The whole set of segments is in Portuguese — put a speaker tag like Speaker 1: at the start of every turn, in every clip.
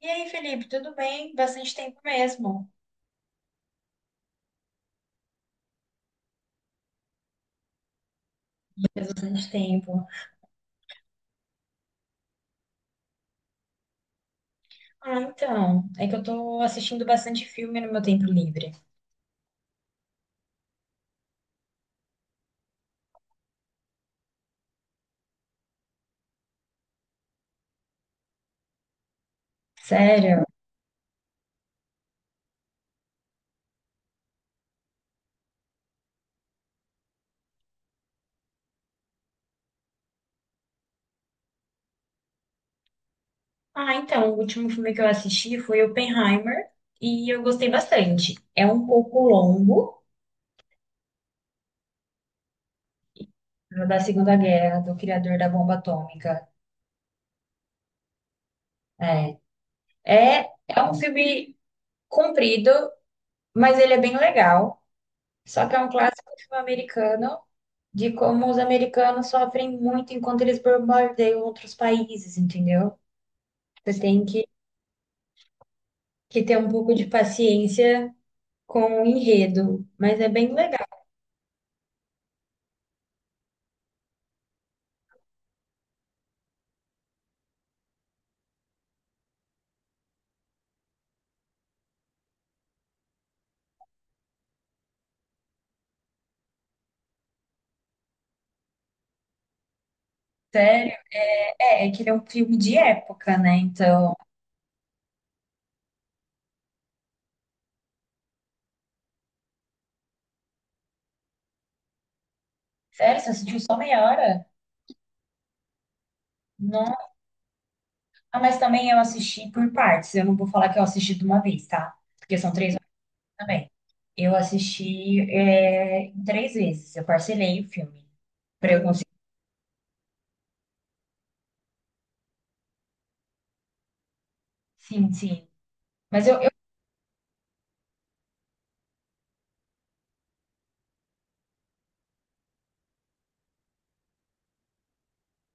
Speaker 1: E aí, Felipe, tudo bem? Bastante tempo mesmo. Faz bastante tempo. Ah, então, é que eu tô assistindo bastante filme no meu tempo livre. Sério? Ah, então, o último filme que eu assisti foi Oppenheimer e eu gostei bastante. É um pouco longo, da Segunda Guerra, do criador da bomba atômica. É, é, um filme comprido, mas ele é bem legal. Só que é um clássico filme americano de como os americanos sofrem muito enquanto eles bombardeiam outros países, entendeu? Você tem que ter um pouco de paciência com o enredo, mas é bem legal. Sério, é que ele é um filme de época, né? Então, sério, você assistiu só meia hora? Não. Ah, mas também eu assisti por partes. Eu não vou falar que eu assisti de uma vez, tá? Porque são 3 horas também. Eu assisti em três vezes. Eu parcelei o filme para eu conseguir. Sim, sim. Mas eu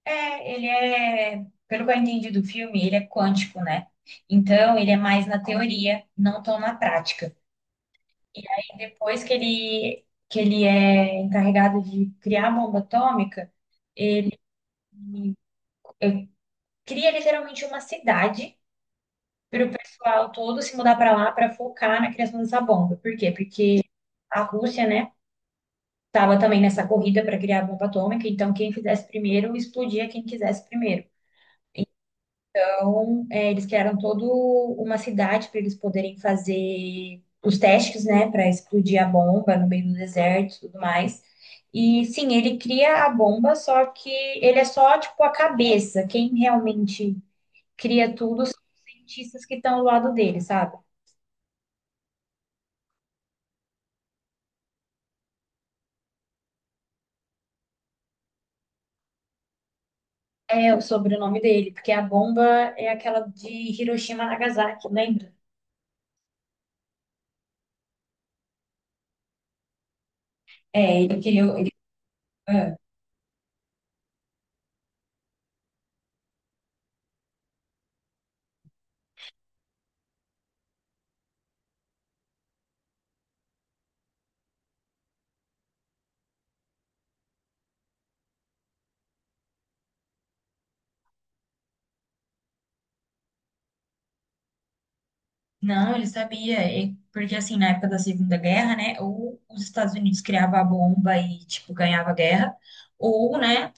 Speaker 1: É, pelo que eu entendi do filme, ele é quântico, né? Então, ele é mais na teoria, não tão na prática. E depois que ele é encarregado de criar a bomba atômica, cria literalmente uma cidade para o pessoal todo se mudar para lá para focar na criação dessa bomba. Por quê? Porque a Rússia, né, estava também nessa corrida para criar a bomba atômica, então quem fizesse primeiro explodia quem quisesse primeiro. Então, eles criaram toda uma cidade para eles poderem fazer os testes, né, para explodir a bomba no meio do deserto e tudo mais. E sim, ele cria a bomba, só que ele é só tipo a cabeça. Quem realmente cria tudo são os cientistas que estão ao lado dele, sabe? É o sobrenome dele, porque a bomba é aquela de Hiroshima e Nagasaki, lembra? É, ele criou. Ah. Não, ele sabia, porque assim, na época da Segunda Guerra, né, ou os Estados Unidos criavam a bomba e, tipo, ganhava a guerra, ou, né,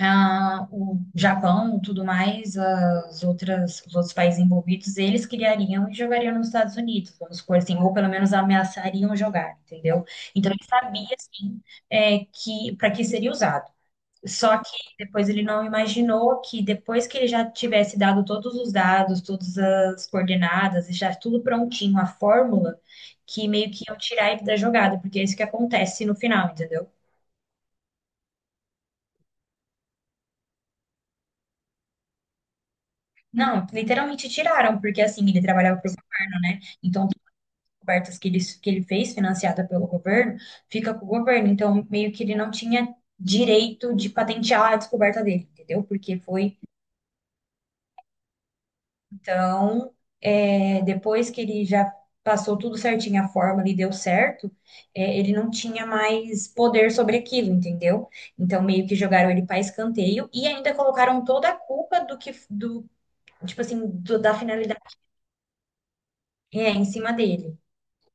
Speaker 1: o Japão, tudo mais, os outros países envolvidos, eles criariam e jogariam nos Estados Unidos, vamos supor assim, ou pelo menos ameaçariam jogar, entendeu? Então ele sabia, assim, para que seria usado. Só que depois ele não imaginou que depois que ele já tivesse dado todos os dados, todas as coordenadas, e já tudo prontinho, a fórmula, que meio que iam tirar ele da jogada, porque é isso que acontece no final, entendeu? Não, literalmente tiraram, porque assim, ele trabalhava para o governo, né? Então, todas as cobertas que ele fez, financiada pelo governo, fica com o governo. Então, meio que ele não tinha direito de patentear a descoberta dele, entendeu? Porque foi Então, depois que ele já passou tudo certinho, a fórmula e deu certo, ele não tinha mais poder sobre aquilo, entendeu? Então, meio que jogaram ele para escanteio e ainda colocaram toda a culpa tipo assim, da finalidade, em cima dele.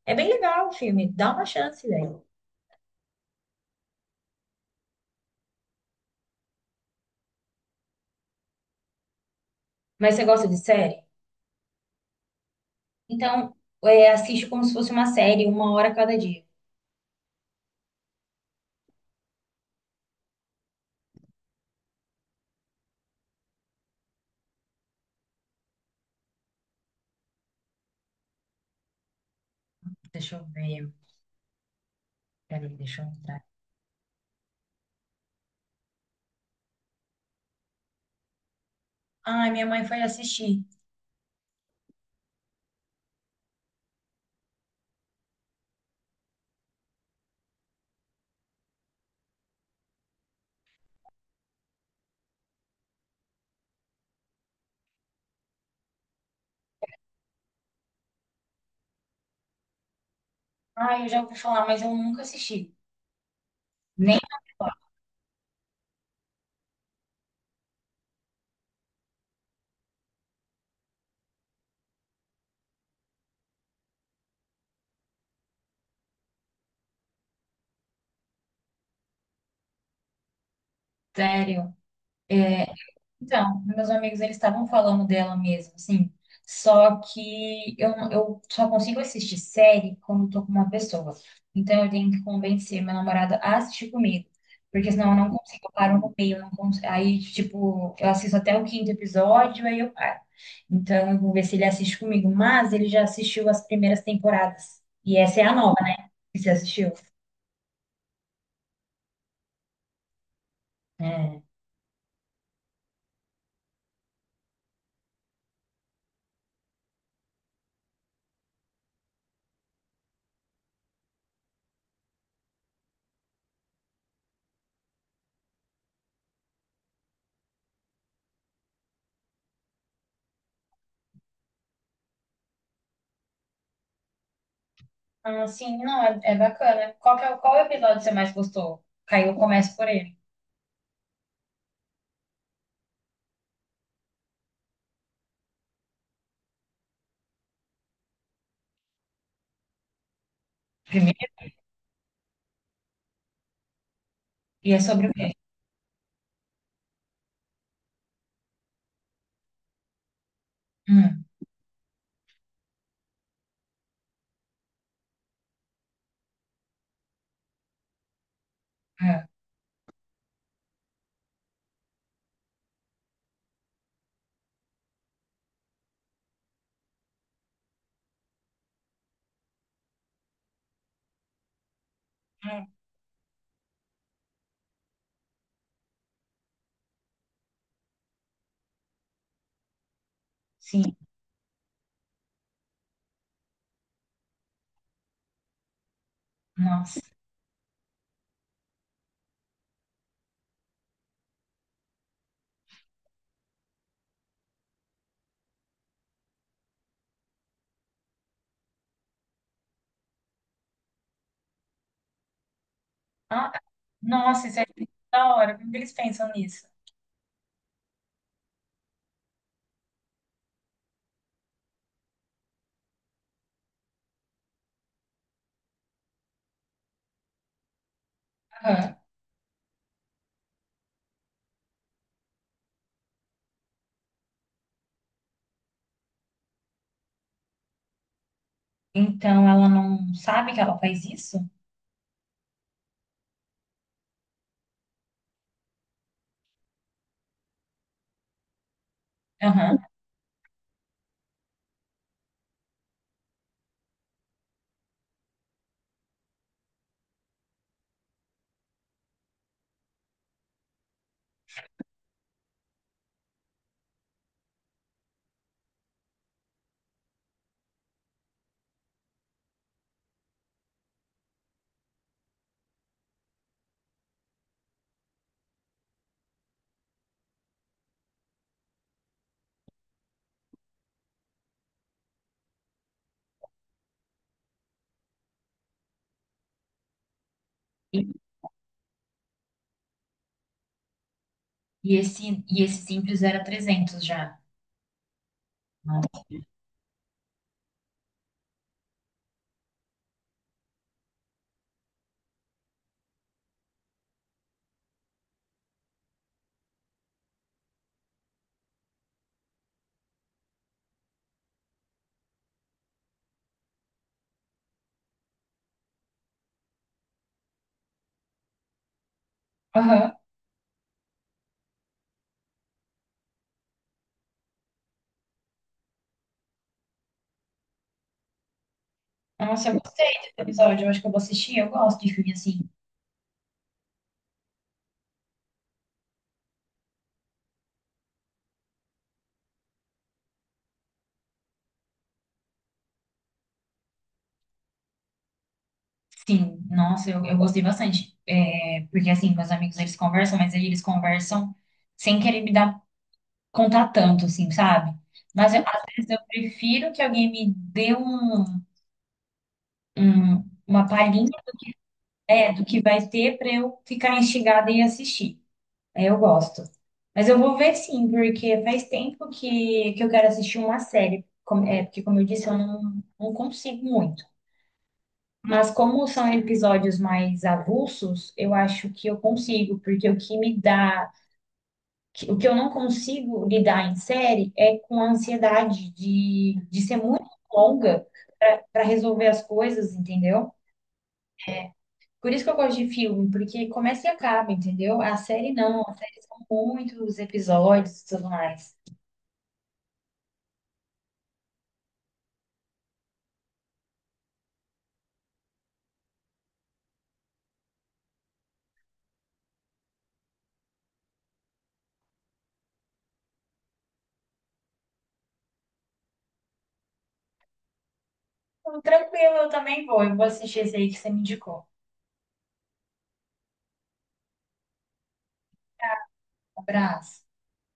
Speaker 1: É bem legal o filme, dá uma chance, velho. Mas você gosta de série? Então, assiste como se fosse uma série, uma hora a cada dia. Deixa eu ver, peraí, deixa eu entrar. Ai, minha mãe foi assistir. Ai, eu já ouvi falar, mas eu nunca assisti. Nem sério. É, então, meus amigos, eles estavam falando dela mesmo, assim. Só que eu, não- eu só consigo assistir série quando eu tô com uma pessoa. Então, eu tenho que convencer meu namorado a assistir comigo. Porque senão eu não consigo, eu paro no meio. Eu não cons- Aí, tipo, eu assisto até o quinto episódio, aí eu paro. Então, eu vou ver se ele assiste comigo. Mas ele já assistiu as primeiras temporadas. E essa é a nova, né? Que você assistiu. É. Ah, sim, não, é bacana. Qual que é, o- qual episódio você mais gostou? Caiu, começo por ele. Primeiro? E é sobre o quê? Hum, é. Hum. Sim, nossa. Ah, nossa, isso é da hora. Como que eles pensam nisso? Aham. Então ela não sabe que ela faz isso? Aham. E, e esse simples era 300 já. Nossa. Aham. Nossa, eu gostei desse episódio. Eu acho que eu vou assistir. Eu gosto de filme assim. Sim, nossa, eu gostei bastante. É, porque, assim, meus amigos, eles conversam, mas aí eles conversam sem querer contar tanto, assim, sabe? Mas, às vezes, eu prefiro que alguém me dê uma palhinha, né, do que vai ter para eu ficar instigada e assistir. Aí eu gosto. Mas eu vou ver, sim, porque faz tempo que eu quero assistir uma série. É, porque, como eu disse, eu não, não consigo muito. Mas como são episódios mais avulsos, eu acho que eu consigo, porque o que me dá, que- o que eu não consigo lidar em série é com a ansiedade de ser muito longa para resolver as coisas, entendeu? Por isso que eu gosto de filme, porque começa e acaba, entendeu? A série não, a série são muitos episódios e tudo mais. Então, tranquilo, eu também vou. Eu vou assistir esse aí que você me indicou. Abraço.